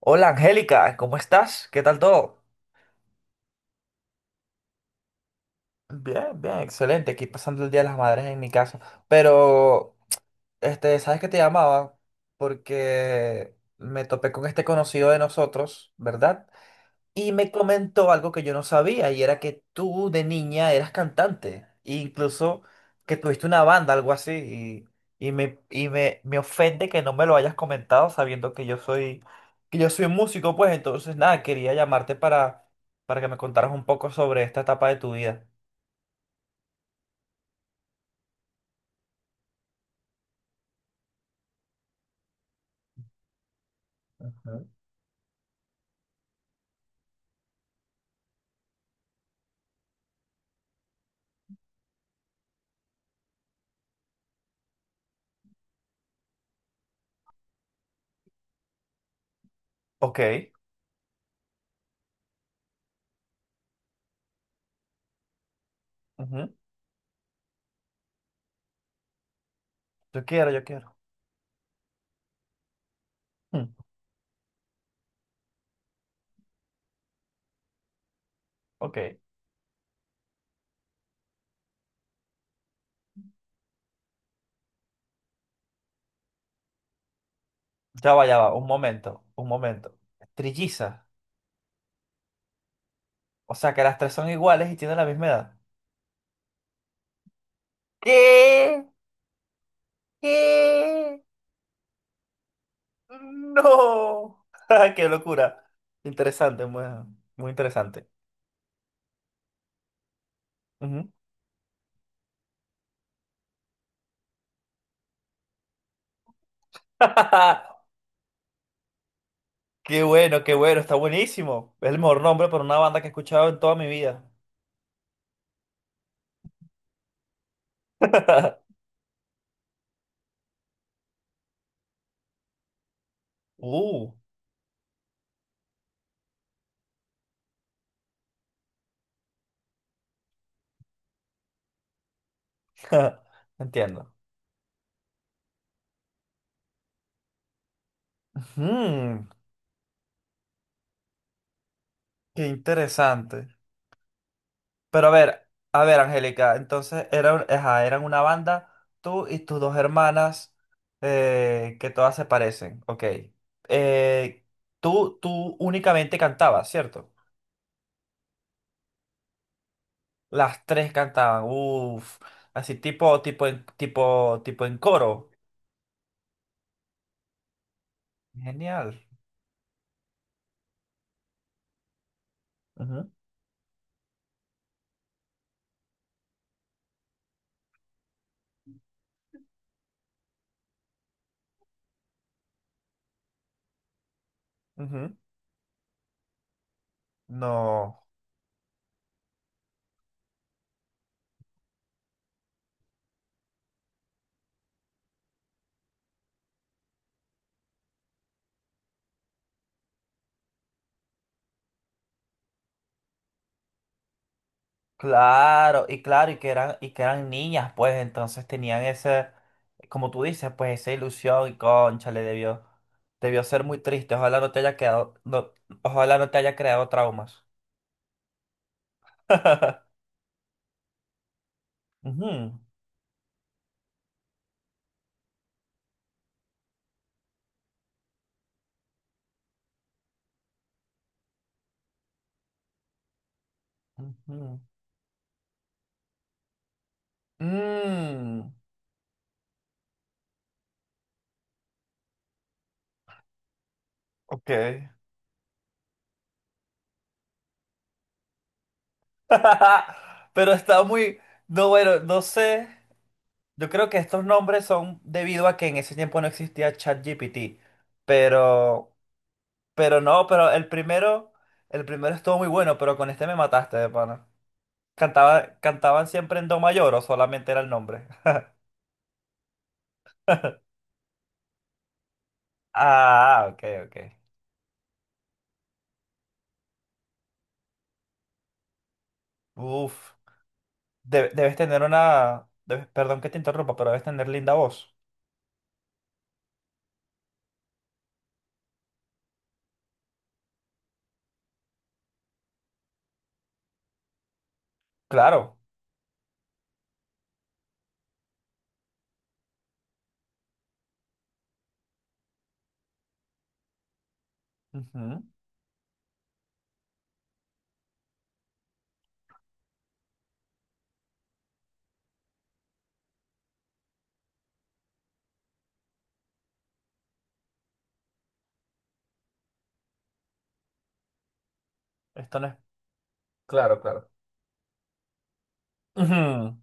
Hola Angélica, ¿cómo estás? ¿Qué tal todo? Bien, bien, excelente. Aquí pasando el Día de las Madres en mi casa. Pero, ¿sabes que te llamaba? Porque me topé con este conocido de nosotros, ¿verdad? Y me comentó algo que yo no sabía, y era que tú de niña eras cantante, e incluso que tuviste una banda, algo así, y me ofende que no me lo hayas comentado sabiendo que yo soy, músico, pues entonces nada, quería llamarte para que me contaras un poco sobre esta etapa de tu vida. Ujú. Ok, ujú. Yo quiero, yo quiero. Hmm. Ok, ya va, un momento, un momento. Trilliza, o sea que las tres son iguales y tienen la misma edad. ¿Qué? ¿Qué? No. Qué locura. Interesante, muy, muy interesante. Ujú. Qué bueno, está buenísimo. Es el mejor nombre para una banda que he escuchado en toda mi vida. Uh. Entiendo. Mm, qué interesante. Pero a ver, Angélica, entonces eran, ajá, eran una banda, tú y tus dos hermanas, que todas se parecen, ok. Eh, tú únicamente cantabas, ¿cierto? Las tres cantaban, uff, así tipo en coro. Genial. Ujú, ujú. No. Claro, y claro, y que eran, niñas, pues entonces tenían ese, como tú dices, pues esa ilusión y concha, le debió ser muy triste. Ojalá no te haya quedado, no, ojalá no te haya creado traumas. Ujú, ujú. Mm, ok. Pero está muy, no, bueno, no sé. Yo creo que estos nombres son debido a que en ese tiempo no existía ChatGPT, pero. Pero no, pero el primero estuvo muy bueno, pero con este me mataste, de pana. Cantaba, ¿cantaban siempre en do mayor o solamente era el nombre? Ah, ok, ok. Uf, debes tener una, perdón que te interrumpa, pero debes tener linda voz. Claro. Ujú. Esto no es. Claro, claro. Ujú.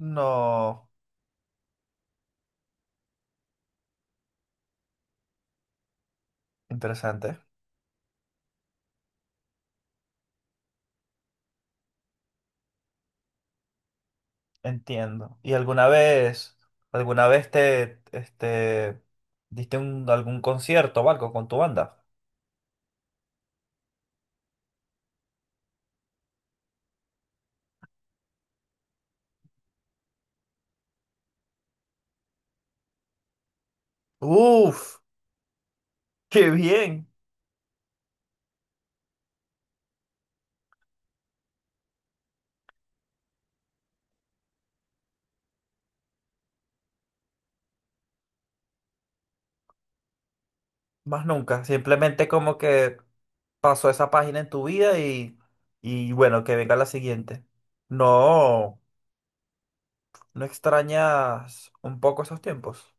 No, interesante. Entiendo. ¿Y alguna vez te, diste algún concierto o algo con tu banda? Uf. Qué bien, más nunca. Simplemente como que pasó esa página en tu vida y bueno, que venga la siguiente. No, ¿no extrañas un poco esos tiempos?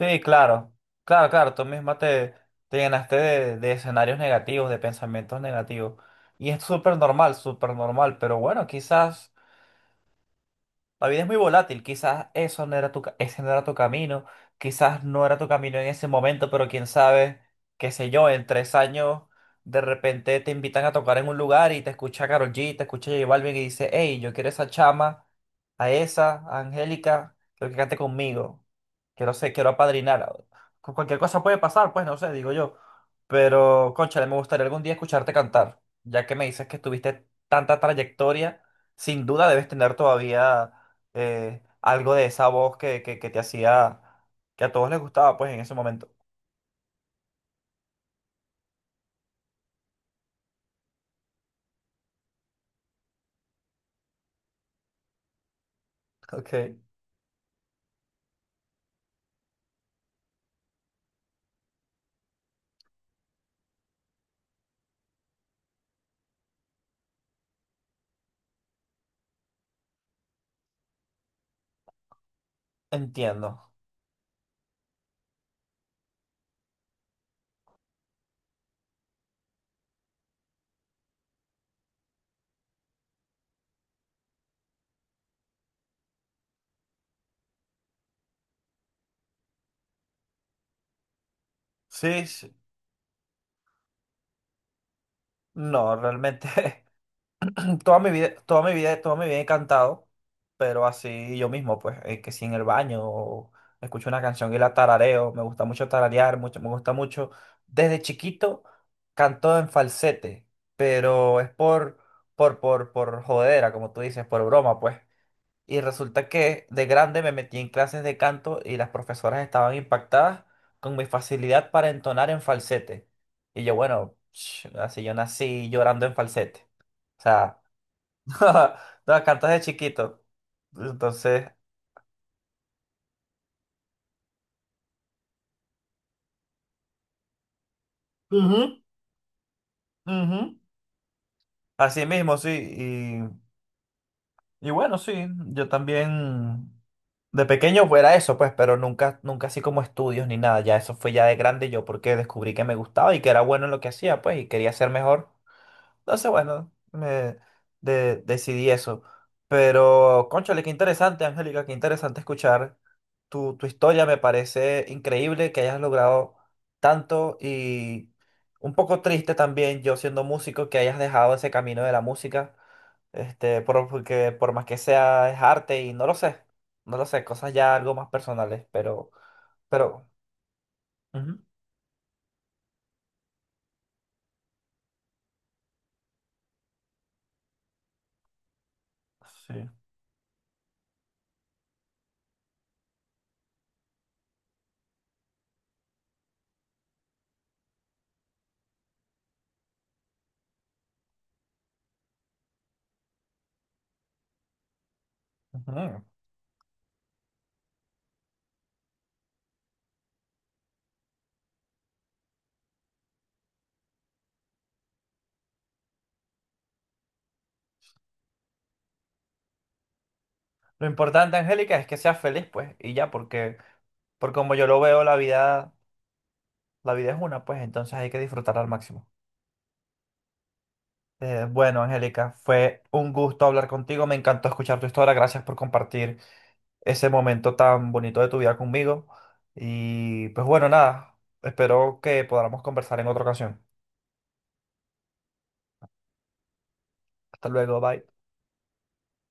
Sí, claro, claro, claro. Tú misma te llenaste de escenarios negativos, de pensamientos negativos. Y es súper normal, súper normal. Pero bueno, quizás la vida es muy volátil, quizás eso no era ese no era tu camino, quizás no era tu camino en ese momento, pero quién sabe, qué sé yo, en 3 años de repente te invitan a tocar en un lugar y te escucha Karol G, te escucha J Balvin y dice, hey, yo quiero esa chama, a esa, a Angélica, quiero que cante conmigo, quiero ser, quiero apadrinar. Cualquier cosa puede pasar, pues no sé, digo yo. Pero, cónchale, me gustaría algún día escucharte cantar, ya que me dices que tuviste tanta trayectoria, sin duda debes tener todavía algo de esa voz que, que te hacía, que a todos les gustaba, pues en ese momento. Ok. Entiendo. Sí, sí. No, realmente toda mi vida, toda mi vida, toda mi vida he cantado, pero así yo mismo, pues, que si en el baño o escucho una canción y la tarareo, me gusta mucho tararear, mucho, me gusta mucho. Desde chiquito canto en falsete, pero es por jodera, como tú dices, por broma, pues. Y resulta que de grande me metí en clases de canto y las profesoras estaban impactadas con mi facilidad para entonar en falsete. Y yo, bueno, ch, así yo nací llorando en falsete. O sea, no, cantas de chiquito. Entonces. Ujú, ujú. Así mismo, sí. Y bueno, sí, yo también de pequeño fuera eso, pues, pero nunca, nunca así como estudios ni nada. Ya eso fue ya de grande yo porque descubrí que me gustaba y que era bueno en lo que hacía, pues, y quería ser mejor. Entonces, bueno, me decidí eso. Pero, cónchale, qué interesante, Angélica, qué interesante escuchar tu historia. Me parece increíble que hayas logrado tanto y un poco triste también, yo siendo músico, que hayas dejado ese camino de la música. Este, porque por más que sea, es arte y no lo sé. No lo sé, cosas ya algo más personales, pero, pero, ujú, sí. Ujú. Lo importante, Angélica, es que seas feliz, pues, y ya, porque como yo lo veo, la vida es una, pues entonces hay que disfrutarla al máximo. Bueno, Angélica, fue un gusto hablar contigo, me encantó escuchar tu historia, gracias por compartir ese momento tan bonito de tu vida conmigo. Y pues bueno, nada, espero que podamos conversar en otra ocasión. Hasta luego, bye.